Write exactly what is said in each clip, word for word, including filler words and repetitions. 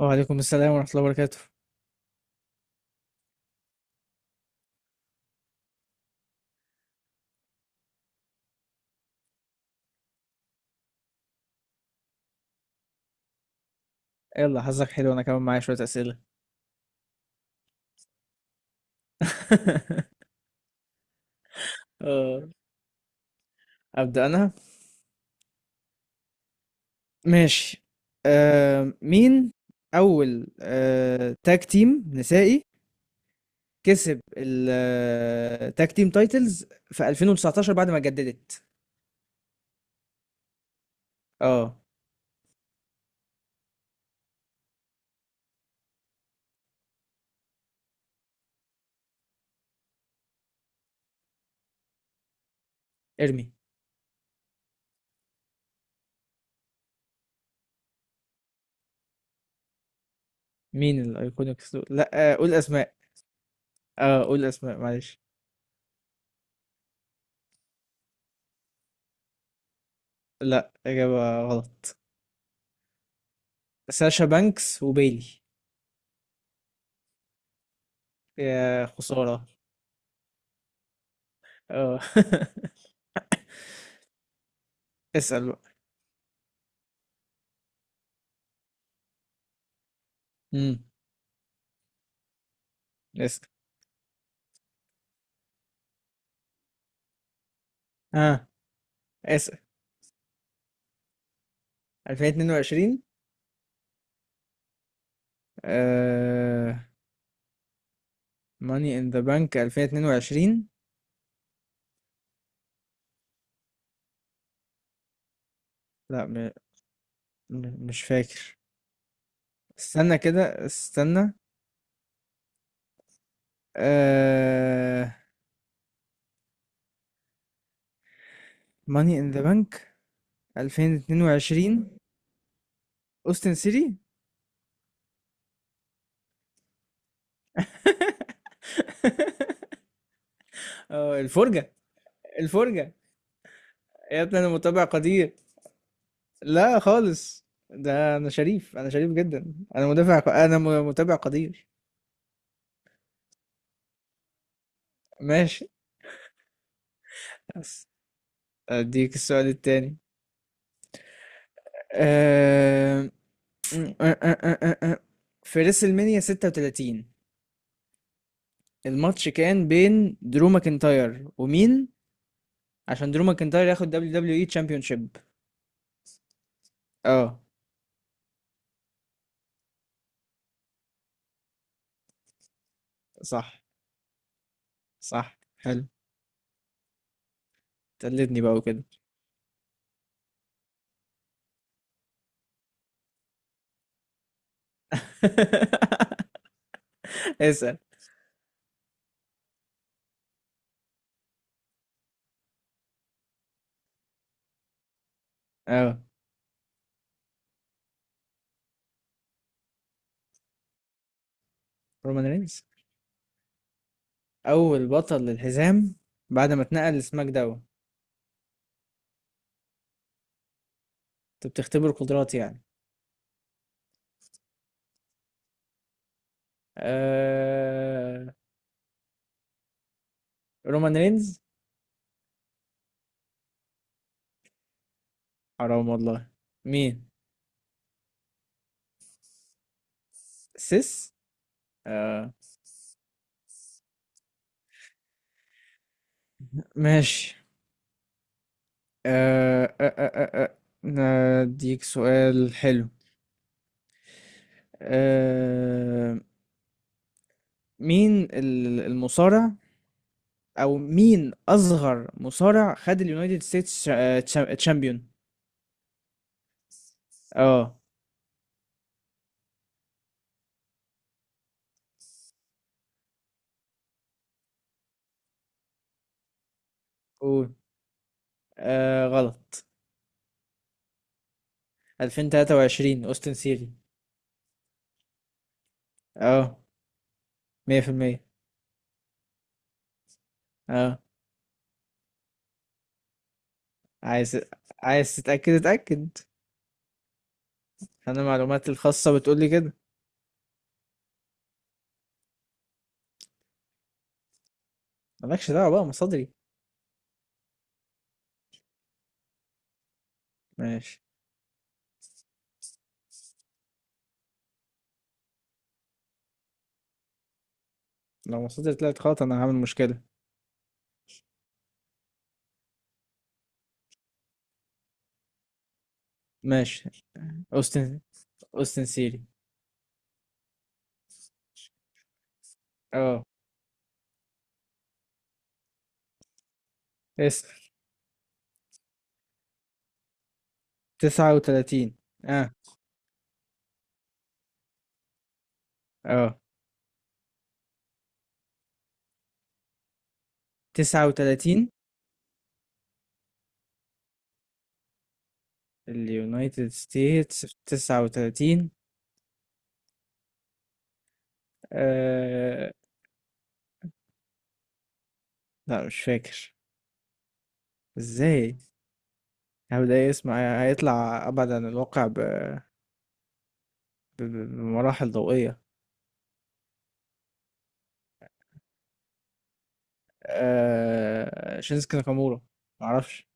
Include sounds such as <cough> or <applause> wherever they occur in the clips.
وعليكم السلام ورحمة الله وبركاته. يلا حظك حلو، انا كمان معايا شوية أسئلة. <laughs> آه، أبدأ انا. ماشي. آه، مين اول آه، تاج تيم نسائي كسب التاج تيم تايتلز في ألفين وتسعتاشر بعد ما جددت؟ اه. ارمي. مين الايكونيكس دول؟ لا، آه، قول اسماء. اه قول اسماء معلش. لا، إجابة غلط. ساشا بانكس وبيلي. يا خسارة. اه. <laughs> اسأل. بقى اسأل. اه اسأل. ألفين واتنين وعشرين. آه... ماني ان ذا بانك ألفين واتنين وعشرين. لا، م... م... مش فاكر. استنى كده استنى. آه... ماني ان ذا بانك ألفين واتنين وعشرين. اوستن سيتي. <laughs> آه، الفرجة الفرجة. يا ابني، انا متابع قدير. لا خالص، ده انا شريف، انا شريف جدا، انا مدافع ق- انا م- متابع قدير. ماشي. بس اديك السؤال التاني. آه، آه، آه، آه، آه. آه. في ريسل مانيا ستة وتلاتين الماتش كان بين درو ماكنتاير ومين، عشان درو ماكنتاير ياخد دبليو دبليو اي تشامبيونشيب؟ اه صح صح، حلو. تقلدني بقى وكده. <laughs> اسأل. اه، رومان رينز اول بطل للحزام بعد ما اتنقل لسماك داون. انت بتختبر قدراتي يعني. آه... رومان رينز. حرام والله. مين؟ سيس. آه... ماشي. آه، آه، آه، آه، آه، اديك سؤال حلو. آه، مين ال- المصارع، او مين اصغر مصارع خد اليونايتد ستيتس تشامبيون؟ اه قول. آه، غلط. ألفين وتلاتة وعشرين اوستن سيري. اه، مية بالمية. اه. عايز عايز تتأكد اتأكد. انا معلوماتي الخاصة بتقول لي كده. مالكش دعوة بقى، مصادري. ماشي. لو مصادري طلعت غلط انا هعمل مشكلة. ماشي. اوستن أوستن سيري. اه اسأل. تسعة وتلاتين. اه اه. تسعة وتلاتين، اليونايتد ستيتس في تسعة وتلاتين. آه. لا مش فاكر. ازاي هبدأ إيه؟ اسمع هيطلع أبعد عن الواقع ب... ب... ب- بمراحل ضوئية. آه. شينسكي ناكامورا. معرفش.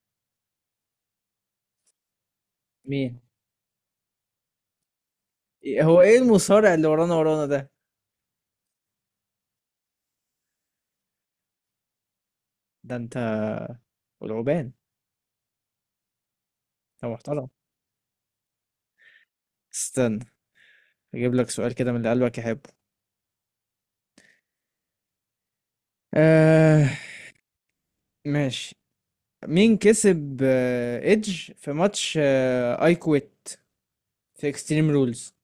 مين؟ إيه- هو ايه المصارع اللي ورانا ورانا ده؟ ده انت والعوبان. انت محترم. استنى، اجيب لك سؤال كده من اللي قلبك يحبه. آه. ماشي. مين كسب آه، ايدج في ماتش آه، اي كويت في اكستريم رولز؟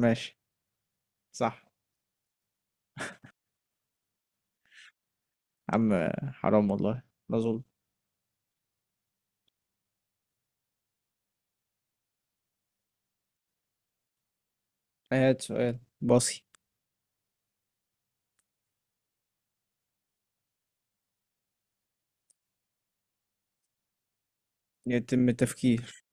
ماشي. صح. عم آه، حرام والله، ما اظن. هات سؤال باصي. يتم التفكير.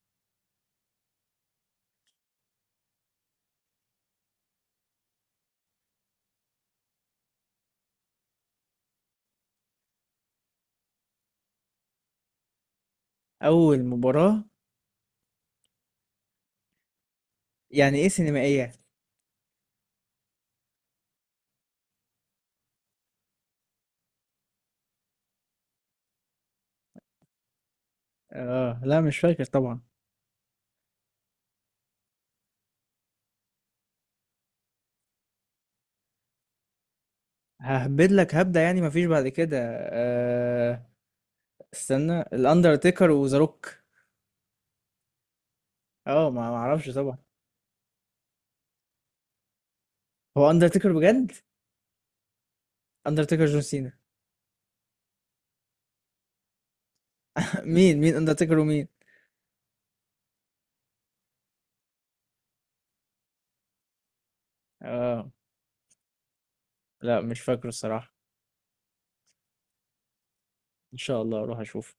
اول مباراة. يعني ايه سينمائية؟ اه لا مش فاكر طبعا. ههبد لك هبدة، يعني مفيش بعد كده. آه. استنى، الاندرتيكر وذا روك. اه، ما ما اعرفش طبعا. هو اندرتيكر بجد؟ اندرتيكر جون سينا. <laughs> مين مين اندرتيكر ومين؟ اه لا مش فاكره الصراحة. إن شاء الله أروح أشوف.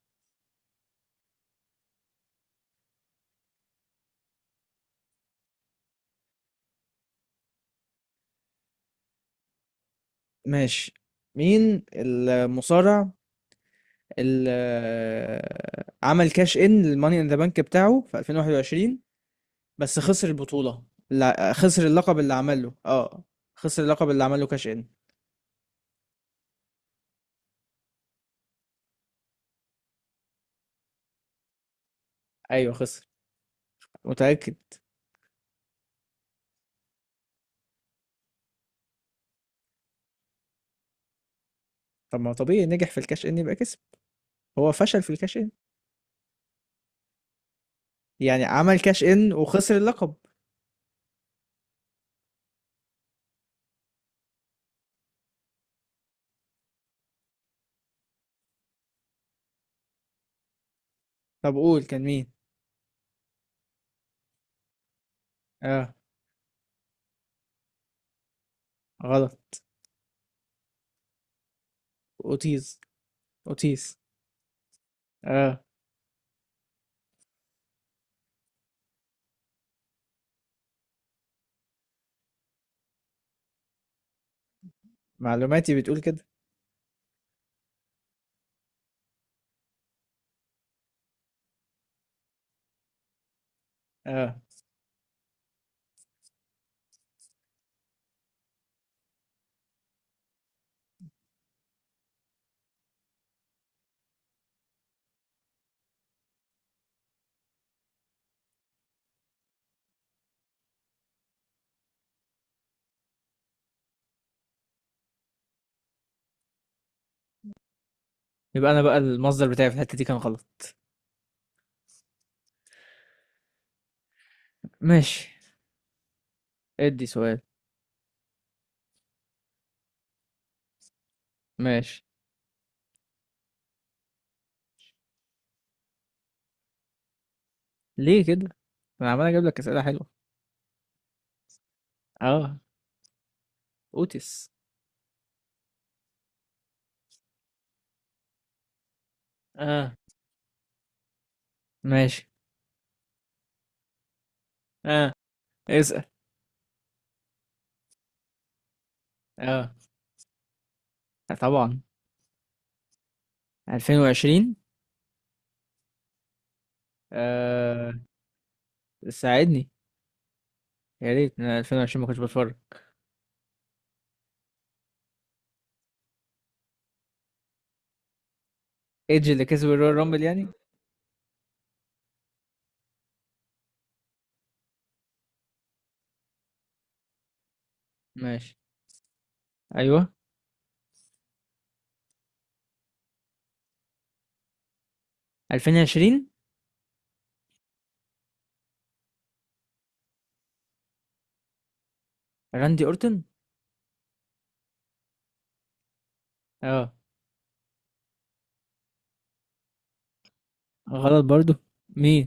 ماشي. مين المصارع اللي عمل كاش إن للماني إن ذا بانك بتاعه في ألفين وواحد وعشرين بس خسر البطولة؟ لا، خسر اللقب اللي عمله، اه. خسر اللقب اللي عمله كاش إن. أيوه خسر. متأكد. طب ما هو طبيعي نجح في الكاش إن يبقى كسب. هو فشل في الكاش إن، يعني عمل كاش إن وخسر اللقب. طب قول كان مين. اه غلط. أوتيز، أوتيز. اه، معلوماتي بتقول كده. اه يبقى انا بقى المصدر بتاعي في الحته دي كان غلط. ماشي، ادي سؤال. ماشي. ليه كده؟ انا عمال اجيب لك اسئله حلوه. اه، اوتس. اه ماشي. اه اسال. اه طبعا. ألفين وعشرين. آه، ساعدني. يا ريت، انا ألفين وعشرين ما كنتش بتفرج. ايدج اللي كسب الرويال رامبل يعني؟ ماشي. ايوه. ألفين وعشرين راندي اورتون. اه غلط برضو. مين؟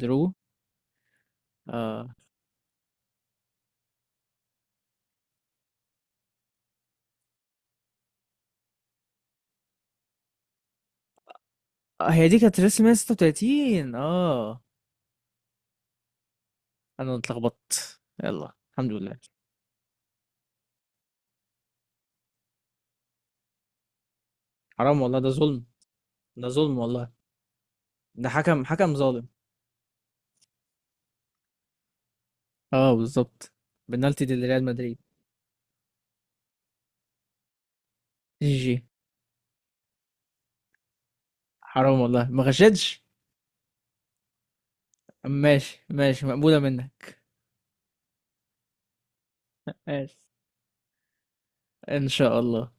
درو. اه. آه، هي دي كانت رسم مئة ستة وثلاثين اه. أنا اتلخبطت، يلا الحمد لله. حرام والله ده ظلم. ده ظلم والله. ده حكم، حكم ظالم. اه بالظبط. بنالتي دي لريال مدريد. جي جي. حرام والله ما غشتش. ماشي ماشي، مقبولة منك. ماشي، إن شاء الله.